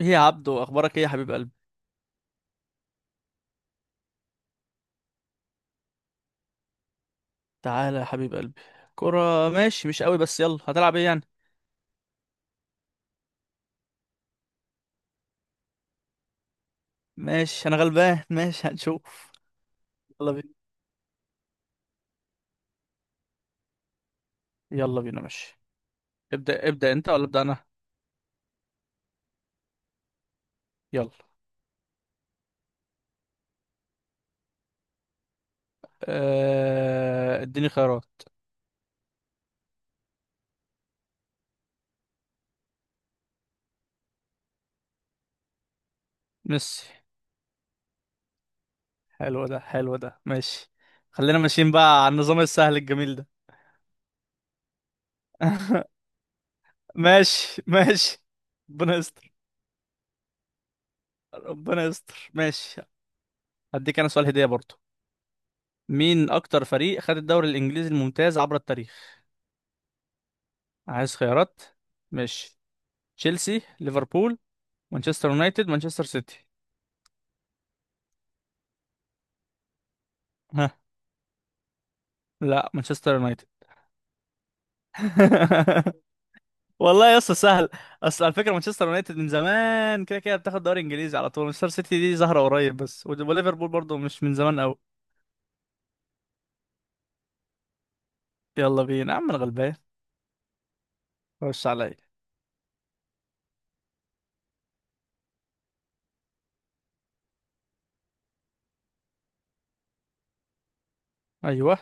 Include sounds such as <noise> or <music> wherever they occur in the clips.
ايه يا عبدو، اخبارك؟ ايه يا حبيب قلبي. تعالى يا حبيب قلبي. كرة ماشي، مش قوي بس يلا، هتلعب ايه يعني؟ ماشي انا غلبان. <laughs> ماشي هنشوف. يلا بينا، يلا بينا ماشي. ابدأ، ابدأ انت ولا ابدأ انا؟ يلا. اديني خيارات. ميسي. حلو ده، حلو ده ماشي. خلينا ماشيين بقى على النظام السهل الجميل ده. <laughs> ماشي ماشي. ربنا يستر، ربنا يستر ماشي. هديك انا سؤال هدية برضو. مين اكتر فريق خد الدوري الانجليزي الممتاز عبر التاريخ؟ عايز خيارات. مش تشيلسي، ليفربول، مانشستر يونايتد، مانشستر سيتي. ها. لا، مانشستر يونايتد. <laughs> والله يا اسطى سهل. اصل على فكره مانشستر يونايتد من زمان كده كده بتاخد دوري انجليزي على طول، مانشستر سيتي دي ظاهره قريب، بس وليفربول برضو مش من زمان قوي. يلا بينا يا عم، انا غلبان. خش عليا. ايوه.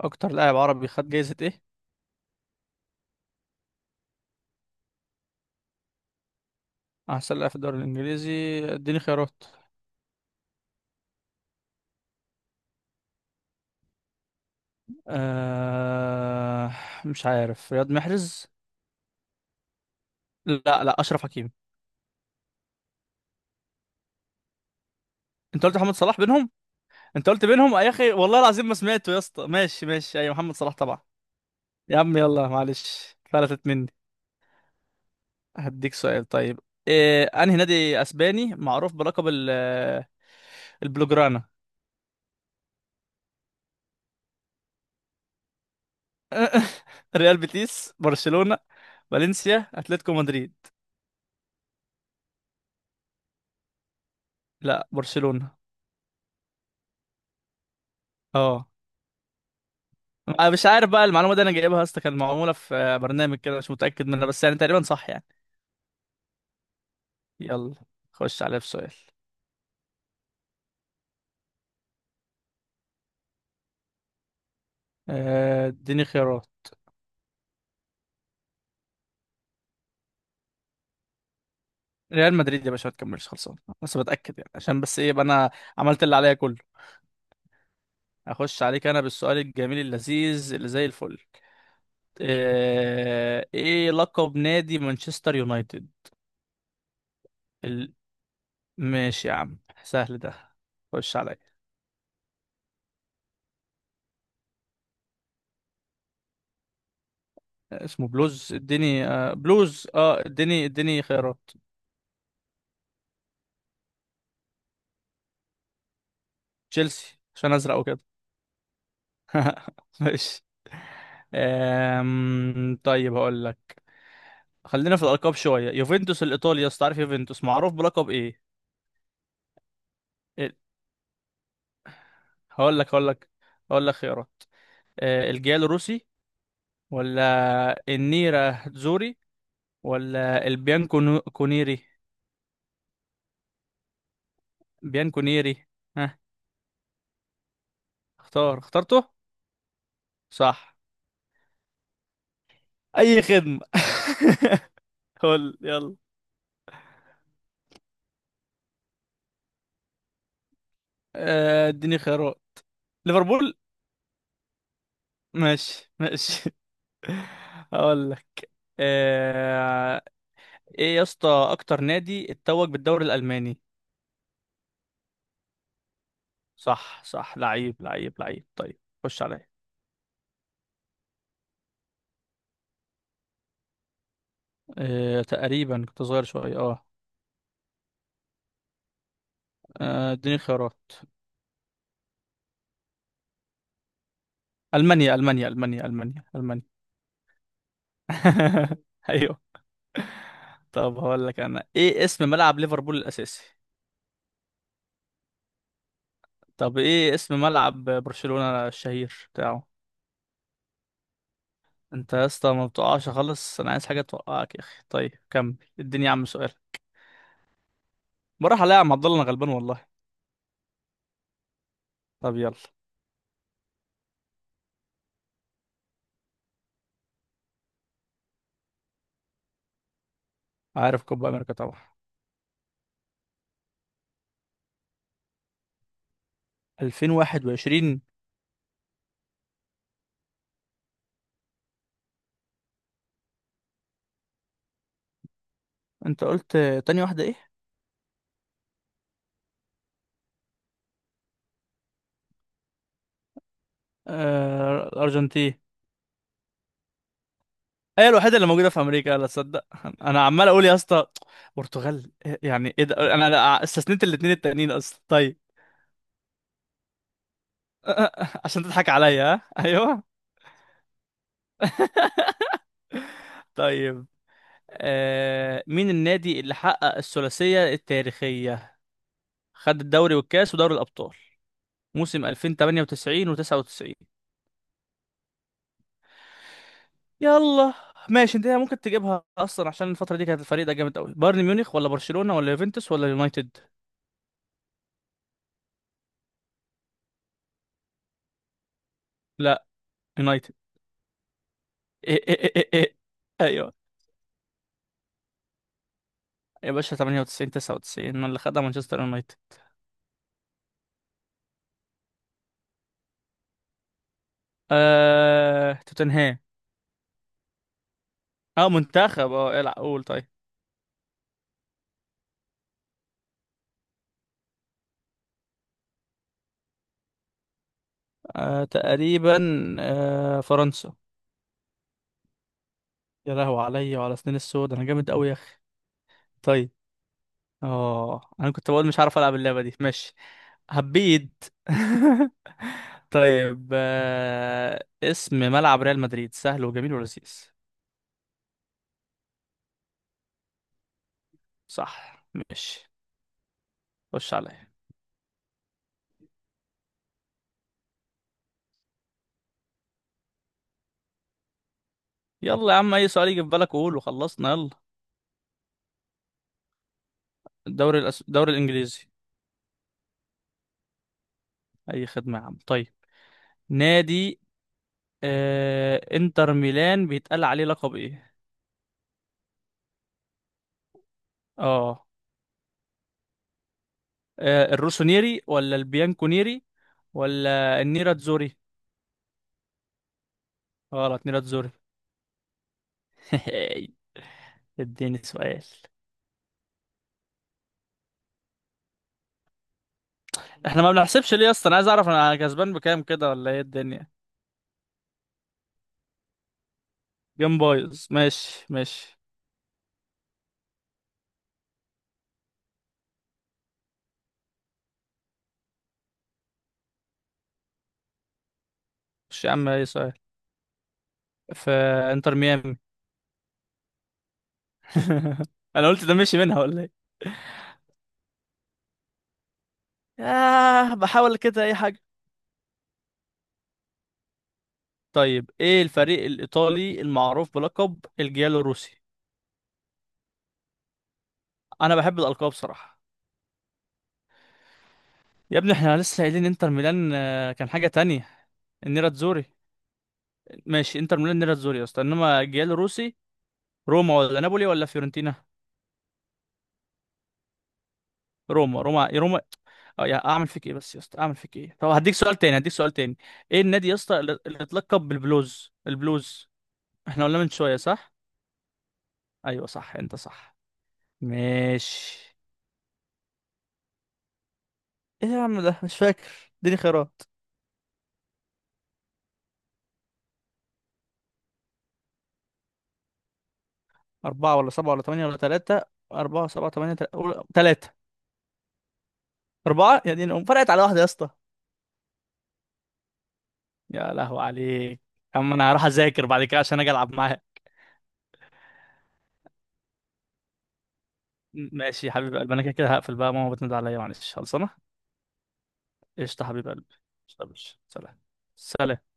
اكتر لاعب عربي خد جايزه ايه؟ احسن لاعب في الدوري الانجليزي. اديني خيارات. آه... مش عارف، رياض محرز. لا لا، اشرف حكيمي. انت قلت محمد صلاح بينهم. انت قلت بينهم يا اخي، والله العظيم ما سمعته يا اسطى. ماشي ماشي، ايوه محمد صلاح طبعا. يا عم يلا، معلش فلتت مني. هديك سؤال طيب. إيه، انهي نادي اسباني معروف بلقب البلوجرانا؟ ريال بيتيس، برشلونة، فالنسيا، اتلتيكو مدريد. لا، برشلونة. اه. انا مش عارف بقى المعلومة دي، انا جايبها يا اسطى كان معمولة في برنامج كده، مش متأكد منها بس يعني تقريبا صح يعني. يلا. خش عليا بسؤال. اديني خيارات. ريال مدريد يا باشا، ما تكملش خلصان. بس بتأكد يعني، عشان بس ايه يبقى انا عملت اللي عليا كله. اخش عليك انا بالسؤال الجميل اللذيذ اللي زي الفل. إيه لقب نادي مانشستر يونايتد؟ ال... ماشي يا عم، سهل ده. خش عليا. اسمه بلوز. اديني آه بلوز اه، اديني خيارات. تشيلسي، عشان ازرق وكده. <laughs> ماشي. طيب هقول لك. خلينا في الالقاب شويه، يوفنتوس الايطالي يا اسطى، عارف يوفنتوس معروف بلقب ايه؟ هقول لك، هقول لك، هقول لك خيارات. الجيال الروسي، ولا النيرة زوري، ولا البيان كونيري. بيان كونيري. ها. اختار اخترته. صح. اي خدمة. <laughs> قول يلا. اديني خيارات. ليفربول. ماشي ماشي. <laughs> هقول لك. آه، ايه يا اسطى اكتر نادي اتوج بالدوري الالماني؟ صح صح، لعيب لعيب لعيب، طيب خش عليا. تقريبا كنت صغير شوية، اه. اديني خيارات. المانيا، المانيا، المانيا، المانيا، المانيا. <laughs> ايوه. طب هقول لك انا، ايه اسم ملعب ليفربول الاساسي؟ طب ايه اسم ملعب برشلونة الشهير بتاعه؟ انت يا اسطى ما بتقعش خالص، انا عايز حاجه توقعك يا اخي. طيب كمل اديني يا عم سؤال. بروح الاقي يا عم عبد الله، انا غلبان والله. طب يلا. عارف كوبا امريكا طبعا. 2021. انت قلت، تاني واحده ايه؟ آه الارجنتين. هي الوحيده اللي موجوده في امريكا، لا تصدق. انا عمال اقول يا اسطى، برتغال يعني ايه ده، أنا استثنيت الاثنين التانيين اصلا. طيب. <laughs> عشان تضحك عليا. ها ايوه. طيب. مين النادي اللي حقق الثلاثيه التاريخيه، خد الدوري والكاس ودوري الابطال موسم 2098 و99؟ يلا. ماشي، انت ممكن تجيبها اصلا عشان الفتره دي كانت الفريق ده جامد قوي. بايرن ميونخ ولا برشلونه ولا يوفنتوس ولا يونايتد؟ لا، يونايتد. إيه إيه إيه إيه. إيه. ايوه. يا باشا 98 99 اللي خدها مانشستر يونايتد. توتنهام. اه منتخب، اه العب قول. طيب. تقريبا. فرنسا. يا لهوي عليا وعلى سنين السود، انا جامد قوي يا اخي. طيب. اه انا كنت بقول مش عارف العب اللعبه دي، ماشي. هبيد. <laughs> طيب، اسم ملعب ريال مدريد سهل وجميل ولذيذ. صح ماشي. خش عليا. يلا يا عم، اي سؤال يجي في بالك قول وخلصنا يلا. الدوري الانجليزي. اي خدمه يا عم. طيب. نادي انتر ميلان بيتقال عليه لقب ايه؟ اه. الروسونيري ولا البيانكونيري ولا النيراتزوري؟ غلط، نيراتزوري. <laughs> اديني سؤال. احنا ما بنحسبش ليه اصلا، انا عايز اعرف انا كسبان بكام كده ولا ايه الدنيا؟ جيم بايظ، ماشي ماشي. مش يا عم اي سؤال. في انتر ميامي. <laughs> انا قلت ده مشي منها ولا ايه؟ آه بحاول كده اي حاجه. طيب، ايه الفريق الايطالي المعروف بلقب الجيالو روسي؟ انا بحب الالقاب بصراحه. يا ابني احنا لسه قايلين انتر ميلان، كان حاجه تانية. النيرة تزوري. ماشي، انتر ميلان نيرة تزوري يا اسطى، انما الجيل الروسي. روما ولا نابولي ولا فيورنتينا؟ روما روما روما. اه، يا اعمل فيك ايه بس يا اسطى، اعمل فيك ايه؟ طب هديك سؤال تاني، هديك سؤال تاني. ايه النادي يا اسطى اللي اتلقب بالبلوز؟ البلوز. احنا قلنا من شويه صح. ايوه صح، انت صح. ماشي. ايه يا عم، ده مش فاكر، اديني خيارات. اربعة ولا سبعة ولا تمانية ولا تلاتة؟ أربعة، سبعة، تمانية، تلاتة. أربعة يعني، أم فرقت على واحدة يا اسطى. يا لهو عليك. يا عم أنا هروح أذاكر بعد كده عشان أجي ألعب معاها. ماشي يا حبيب قلبي، أنا كده كده هقفل بقى، ماما بتنادي عليا، معلش خلصانة. قشطة يا حبيب قلبي. قشطة يا باشا. سلام. سلام.